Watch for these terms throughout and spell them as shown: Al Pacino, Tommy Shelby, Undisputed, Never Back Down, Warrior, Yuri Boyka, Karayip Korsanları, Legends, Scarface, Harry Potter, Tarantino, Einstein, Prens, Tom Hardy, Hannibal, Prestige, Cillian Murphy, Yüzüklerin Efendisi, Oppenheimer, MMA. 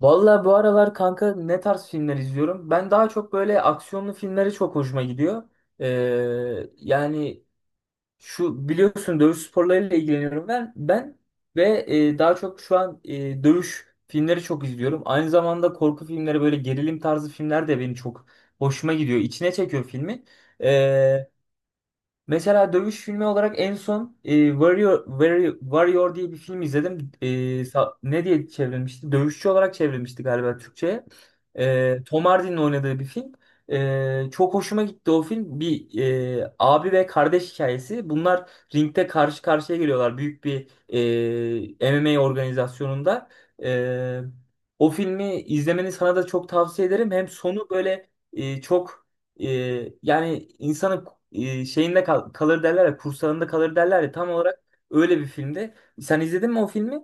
Vallahi bu aralar kanka ne tarz filmler izliyorum? Ben daha çok böyle aksiyonlu filmleri çok hoşuma gidiyor. Yani şu biliyorsun dövüş sporlarıyla ilgileniyorum ben. Daha çok şu an dövüş filmleri çok izliyorum. Aynı zamanda korku filmleri böyle gerilim tarzı filmler de benim çok hoşuma gidiyor. İçine çekiyor filmi. Ee, Mesela dövüş filmi olarak en son Warrior diye bir film izledim. Ne diye çevrilmişti? Dövüşçü olarak çevrilmişti galiba Türkçe'ye. Tom Hardy'nin oynadığı bir film. Çok hoşuma gitti o film. Bir abi ve kardeş hikayesi. Bunlar ringde karşı karşıya geliyorlar büyük bir MMA organizasyonunda. E, O filmi izlemeni sana da çok tavsiye ederim. Hem sonu böyle çok yani insanın kalır derler ya, kursağında kalır derler ya tam olarak öyle bir filmde. Sen izledin mi o filmi?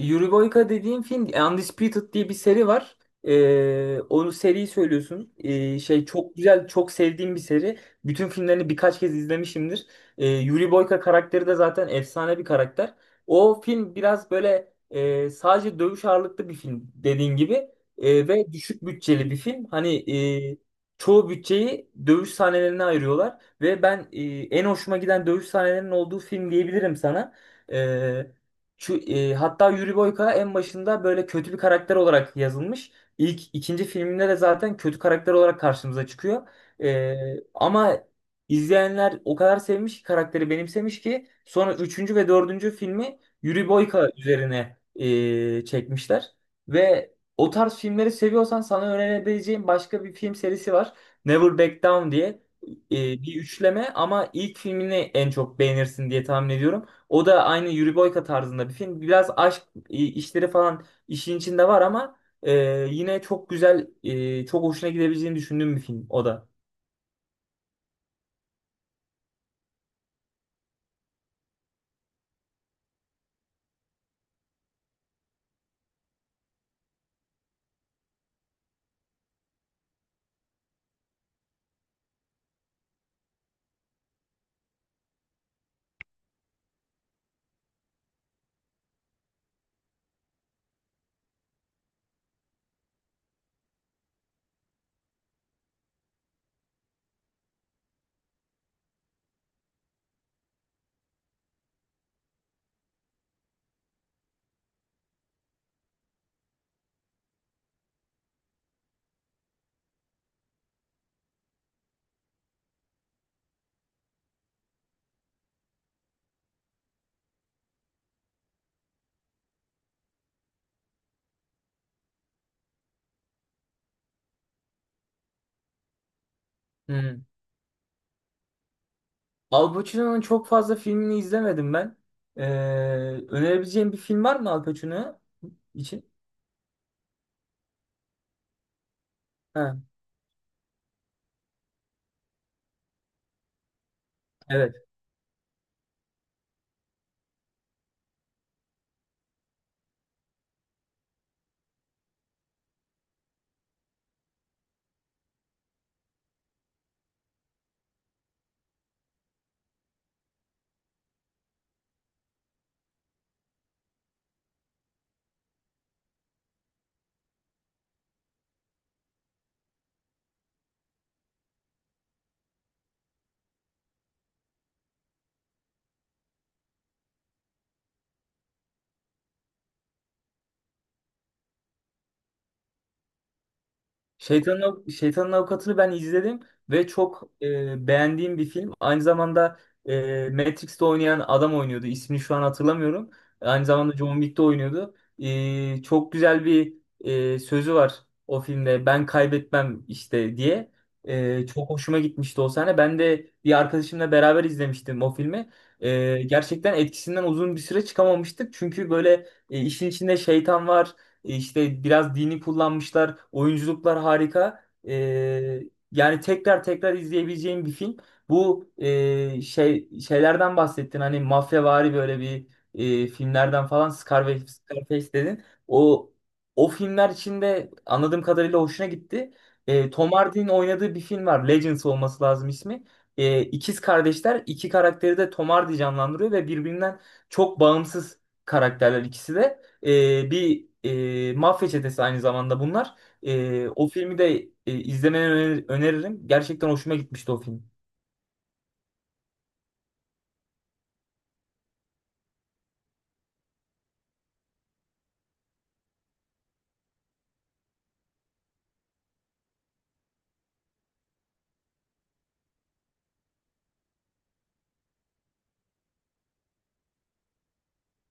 Yuri Boyka dediğin film Undisputed diye bir seri var. Onu seriyi söylüyorsun. Şey çok güzel, çok sevdiğim bir seri. Bütün filmlerini birkaç kez izlemişimdir. Yuri Boyka karakteri de zaten efsane bir karakter. O film biraz böyle sadece dövüş ağırlıklı bir film dediğin gibi. Ve düşük bütçeli bir film. Hani e, çoğu bütçeyi dövüş sahnelerine ayırıyorlar ve ben en hoşuma giden dövüş sahnelerinin olduğu film diyebilirim sana. Ee, Hatta Yuri Boyka en başında böyle kötü bir karakter olarak yazılmış. İlk ikinci filminde de zaten kötü karakter olarak karşımıza çıkıyor. E, Ama izleyenler o kadar sevmiş ki karakteri benimsemiş ki sonra üçüncü ve dördüncü filmi Yuri Boyka üzerine çekmişler. Ve o tarz filmleri seviyorsan sana önerebileceğim başka bir film serisi var. Never Back Down diye bir üçleme ama ilk filmini en çok beğenirsin diye tahmin ediyorum. O da aynı Yuri Boyka tarzında bir film. Biraz aşk işleri falan işin içinde var ama e, yine çok güzel, çok hoşuna gidebileceğini düşündüğüm bir film o da. Hmm. Al Pacino'nun çok fazla filmini izlemedim ben. E, Önerebileceğim bir film var mı Al Pacino için? Ha, evet. Şeytanın Avukatı'nı ben izledim ve çok beğendiğim bir film. Aynı zamanda Matrix'te oynayan adam oynuyordu. İsmini şu an hatırlamıyorum. Aynı zamanda John Wick'te oynuyordu. Çok güzel bir sözü var o filmde. Ben kaybetmem işte diye. Çok hoşuma gitmişti o sahne. Ben de bir arkadaşımla beraber izlemiştim o filmi. Gerçekten etkisinden uzun bir süre çıkamamıştık. Çünkü böyle işin içinde şeytan var. İşte biraz dini kullanmışlar. Oyunculuklar harika. Yani tekrar tekrar izleyebileceğim bir film. Bu şeylerden bahsettin. Hani mafyavari böyle bir filmlerden falan Scarface dedin. O O filmler içinde anladığım kadarıyla hoşuna gitti. Tom Hardy'nin oynadığı bir film var. Legends olması lazım ismi. İkiz kardeşler. İki karakteri de Tom Hardy canlandırıyor ve birbirinden çok bağımsız karakterler ikisi de. Bir mafya çetesi aynı zamanda bunlar. O filmi de öneririm. Gerçekten hoşuma gitmişti o film.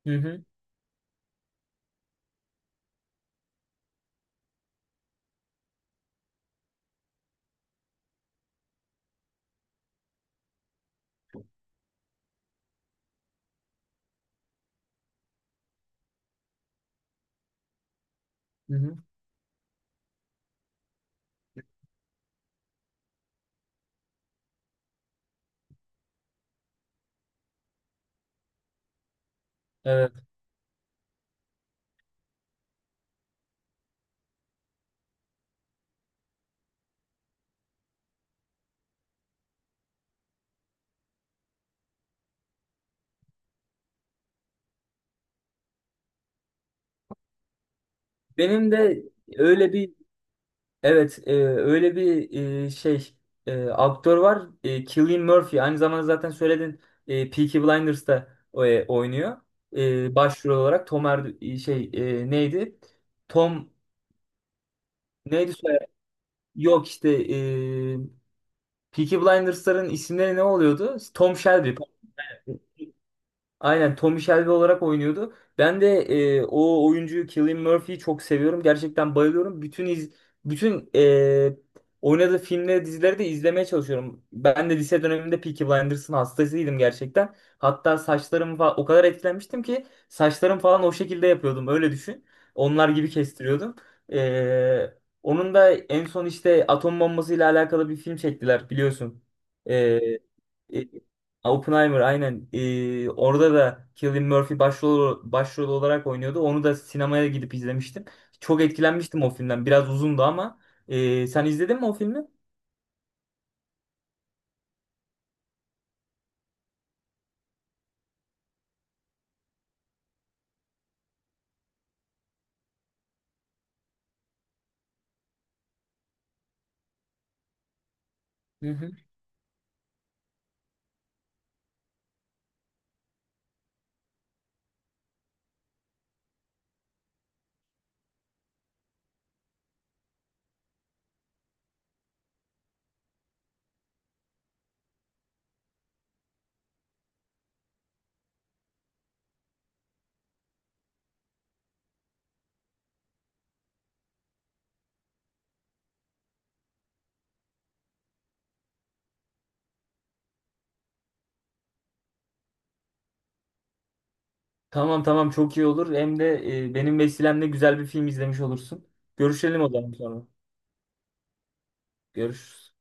Hı hı, hı hı. Evet. Benim de öyle bir öyle bir e, şey aktör var. Cillian Murphy aynı zamanda zaten söyledin Peaky Blinders'ta oynuyor. Başrol olarak Tom Er şey e, neydi? Tom neydi soyadı? Yok işte Peaky Blinders'ların isimleri ne oluyordu? Tom Shelby. Aynen Tommy Shelby olarak oynuyordu. Ben de o oyuncuyu Cillian Murphy'yi çok seviyorum. Gerçekten bayılıyorum. Bütün oynadığı filmleri, dizileri de izlemeye çalışıyorum. Ben de lise döneminde Peaky Blinders'ın hastasıydım gerçekten. Hatta saçlarım falan o kadar etkilenmiştim ki saçlarım falan o şekilde yapıyordum. Öyle düşün. Onlar gibi kestiriyordum. E, Onun da en son işte atom bombasıyla alakalı bir film çektiler biliyorsun. E, e, Oppenheimer aynen. Orada da Cillian Murphy başrol olarak oynuyordu. Onu da sinemaya gidip izlemiştim. Çok etkilenmiştim o filmden. Biraz uzundu ama. Sen izledin mi o filmi? Hı hı. Tamam, tamam, çok iyi olur. Hem de benim vesilemle güzel bir film izlemiş olursun. Görüşelim o zaman sonra. Görüşürüz.